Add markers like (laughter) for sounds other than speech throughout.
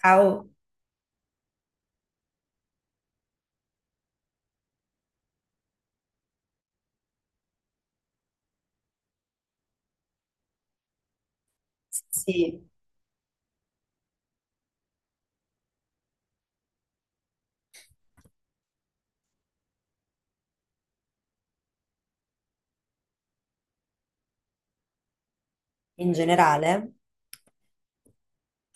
Ciao, sì, in generale.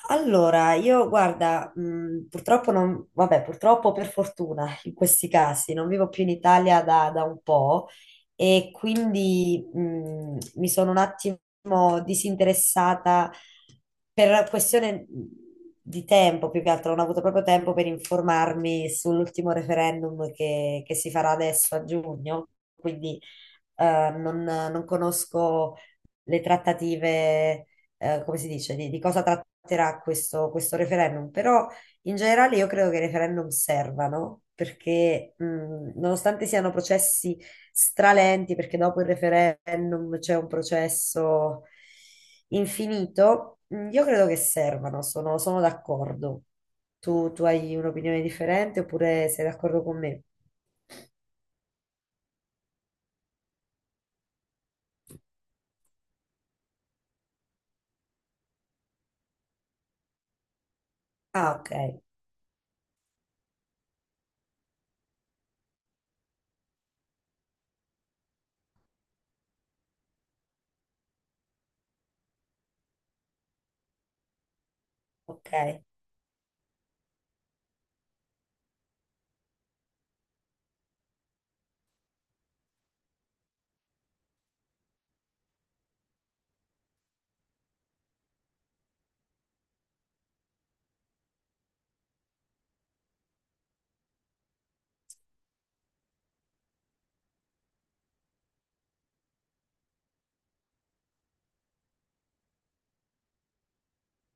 Allora, io guarda, purtroppo non, vabbè, purtroppo per fortuna (laughs) in questi casi non vivo più in Italia da un po' e quindi mi sono un attimo disinteressata per questione di tempo, più che altro non ho avuto proprio tempo per informarmi sull'ultimo referendum che si farà adesso a giugno, quindi non conosco le trattative, come si dice, di cosa tratterà questo referendum, però in generale io credo che i referendum servano perché nonostante siano processi stralenti, perché dopo il referendum c'è un processo infinito. Io credo che servano, sono d'accordo. Tu hai un'opinione differente oppure sei d'accordo con me? Ah, ok, ok.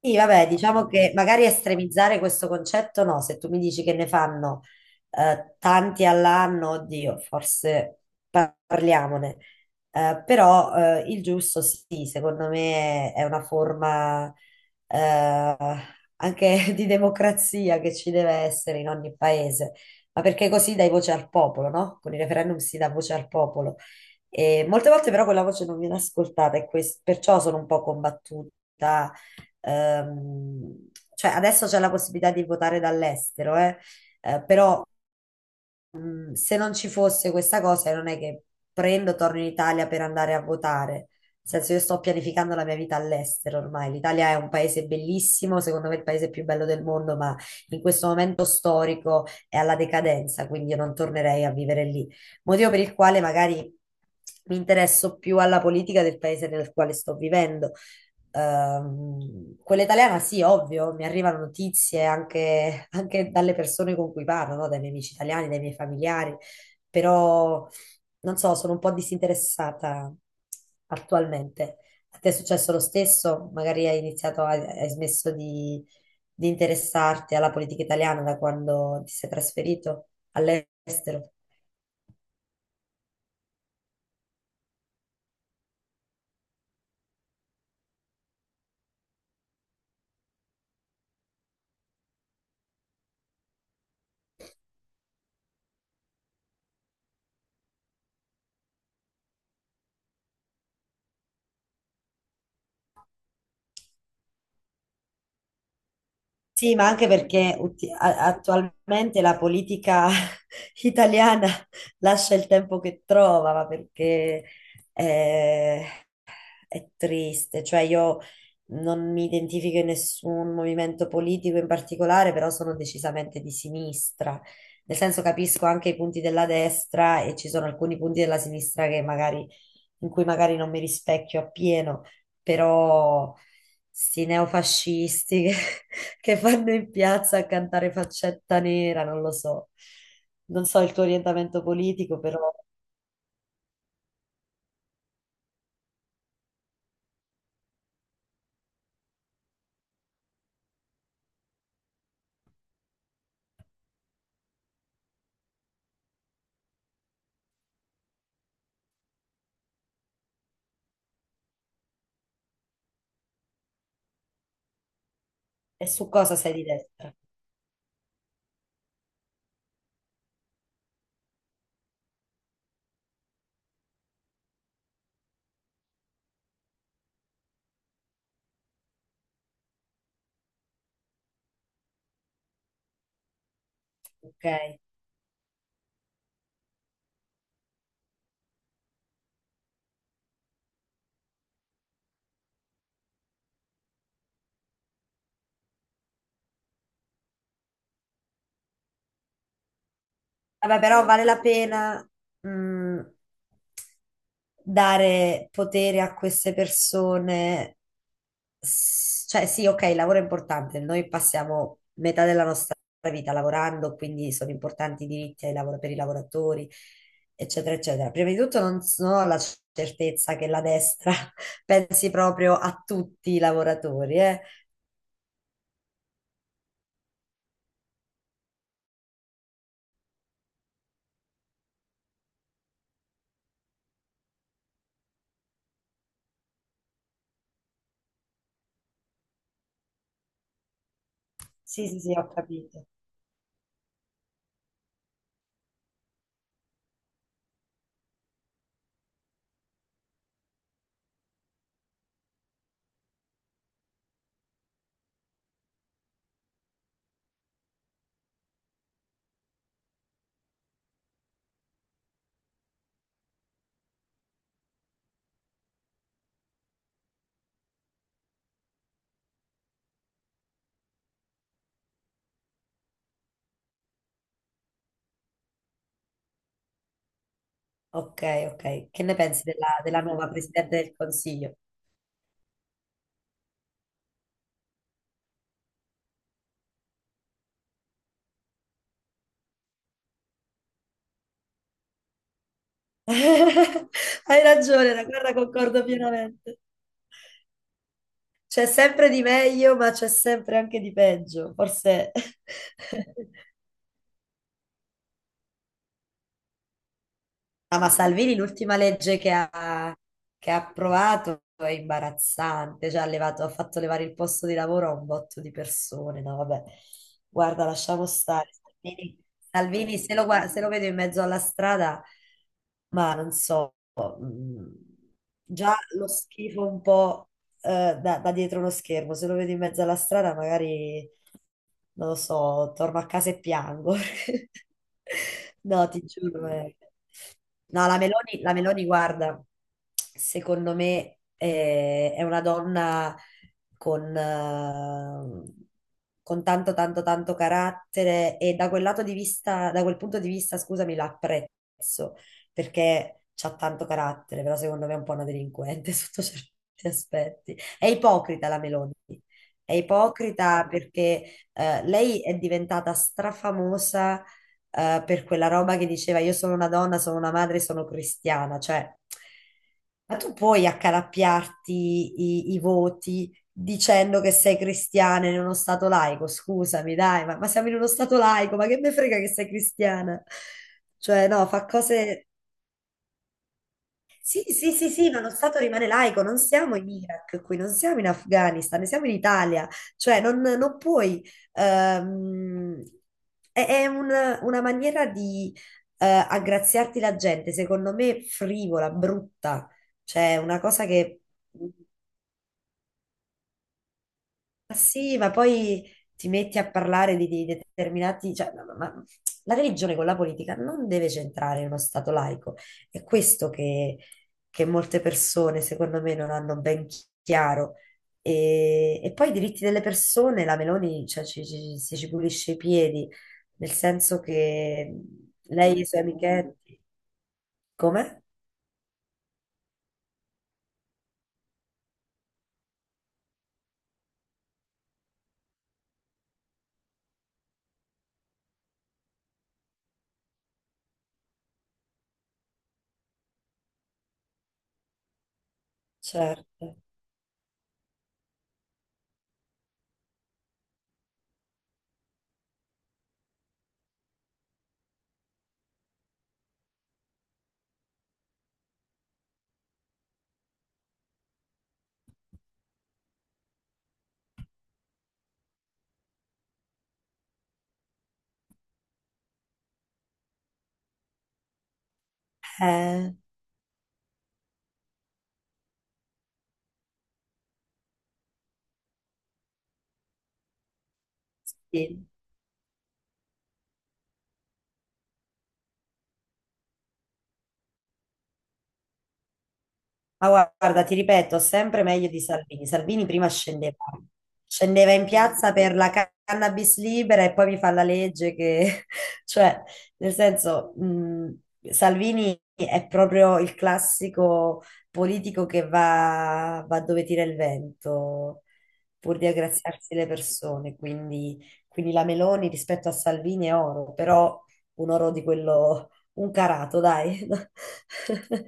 Sì, vabbè, diciamo che magari estremizzare questo concetto no, se tu mi dici che ne fanno tanti all'anno, oddio, forse parliamone. Però il giusto sì, secondo me è una forma eh, anche (laughs) di democrazia che ci deve essere in ogni paese, ma perché così dai voce al popolo, no? Con i referendum si dà voce al popolo. E molte volte però quella voce non viene ascoltata e perciò sono un po' combattuta. ehm, cioè adesso c'è la possibilità di votare dall'estero, però se non ci fosse questa cosa, non è che torno in Italia per andare a votare. Nel senso, io sto pianificando la mia vita all'estero ormai. L'Italia è un paese bellissimo, secondo me il paese più bello del mondo, ma in questo momento storico è alla decadenza, quindi io non tornerei a vivere lì. Motivo per il quale magari mi interesso più alla politica del paese nel quale sto vivendo. Quella italiana sì, ovvio, mi arrivano notizie anche dalle persone con cui parlo, no? Dai miei amici italiani, dai miei familiari, però non so, sono un po' disinteressata attualmente. A te è successo lo stesso? Magari hai iniziato, hai smesso di interessarti alla politica italiana da quando ti sei trasferito all'estero? Sì, ma anche perché attualmente la politica (laughs) italiana lascia il tempo che trova, ma perché eh, è triste, cioè io non mi identifico in nessun movimento politico in particolare, però sono decisamente di sinistra. Nel senso capisco anche i punti della destra e ci sono alcuni punti della sinistra che magari, in cui magari non mi rispecchio appieno, però sti neofascisti che, (laughs) che vanno in piazza a cantare Faccetta Nera, non lo so. Non so il tuo orientamento politico, però e su cosa sei di destra, ok? Vabbè, però vale la pena, mh, dare potere a queste persone. Cioè, sì, ok, il lavoro è importante. Noi passiamo metà della nostra vita lavorando, quindi sono importanti i diritti per i lavoratori, eccetera, eccetera. Prima di tutto non, non ho la certezza che la destra (laughs) pensi proprio a tutti i lavoratori, eh. Sì, sì, sì, ho capito. Ok, ok. Che ne pensi della nuova Presidente del Consiglio? (laughs) Hai ragione, la guerra concordo pienamente. C'è sempre di meglio, ma c'è sempre anche di peggio, forse. (laughs) Ah, ma Salvini l'ultima legge che ha approvato è imbarazzante, cioè ha fatto levare il posto di lavoro a un botto di persone. No, vabbè, guarda, lasciamo stare. Salvini, Salvini, se lo vedo in mezzo alla strada, ma non so, mm, già lo schifo un po' da dietro uno schermo, se lo vedo in mezzo alla strada magari non lo so, torno a casa e piango. (laughs) No, ti giuro. Eh. No, la Meloni, guarda, secondo me è una donna con, eh, con tanto, tanto, tanto carattere e da quel lato di vista, da quel punto di vista, scusami, la apprezzo perché c'ha tanto carattere, però secondo me è un po' una delinquente (laughs) sotto certi aspetti. È ipocrita la Meloni, è ipocrita perché lei è diventata strafamosa per quella roba che diceva io sono una donna, sono una madre, sono cristiana. Cioè, ma tu puoi accalappiarti i voti dicendo che sei cristiana in uno stato laico? Scusami, dai, ma siamo in uno stato laico, ma che me frega che sei cristiana? Cioè, no, fa cose sì, sì, sì, sì, ma lo Stato rimane laico, non siamo in Iraq qui, non siamo in Afghanistan, ne siamo in Italia, cioè non puoi, ehm, è una maniera di aggraziarti la gente, secondo me frivola, brutta, cioè una cosa che ma sì, ma poi ti metti a parlare di determinati, cioè, ma la religione con la politica non deve centrare in uno stato laico. È questo che molte persone, secondo me, non hanno chiaro. E poi i diritti delle persone, la Meloni, cioè, ci pulisce i piedi, nel senso che lei e i suoi amichetti, come? Certo. Eh, sì. Ma guarda, ti ripeto, sempre meglio di Salvini. Salvini prima scendeva, scendeva in piazza per la cannabis libera e poi mi fa la legge che, (laughs) cioè, nel senso, Salvini è proprio il classico politico va dove tira il vento pur di aggraziarsi le persone. Quindi, quindi la Meloni rispetto a Salvini è oro, però un oro di quello, un carato, dai. (laughs)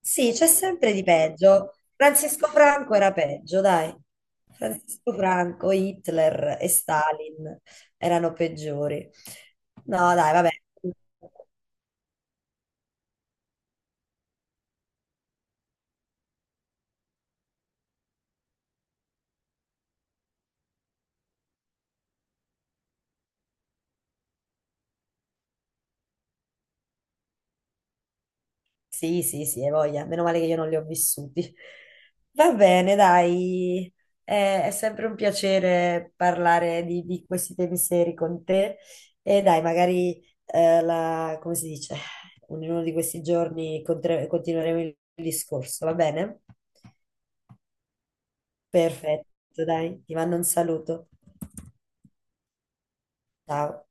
Sì, c'è sempre di peggio. Francisco Franco era peggio, dai. Francisco Franco, Hitler e Stalin erano peggiori. No, dai, vabbè. Sì, sì, sì, hai voglia. Meno male che io non li ho vissuti. Va bene, dai. È sempre un piacere parlare di questi temi seri con te. E dai, magari, come si dice, in uno di questi giorni continueremo il discorso, va bene? Perfetto, dai, ti mando un saluto. Ciao.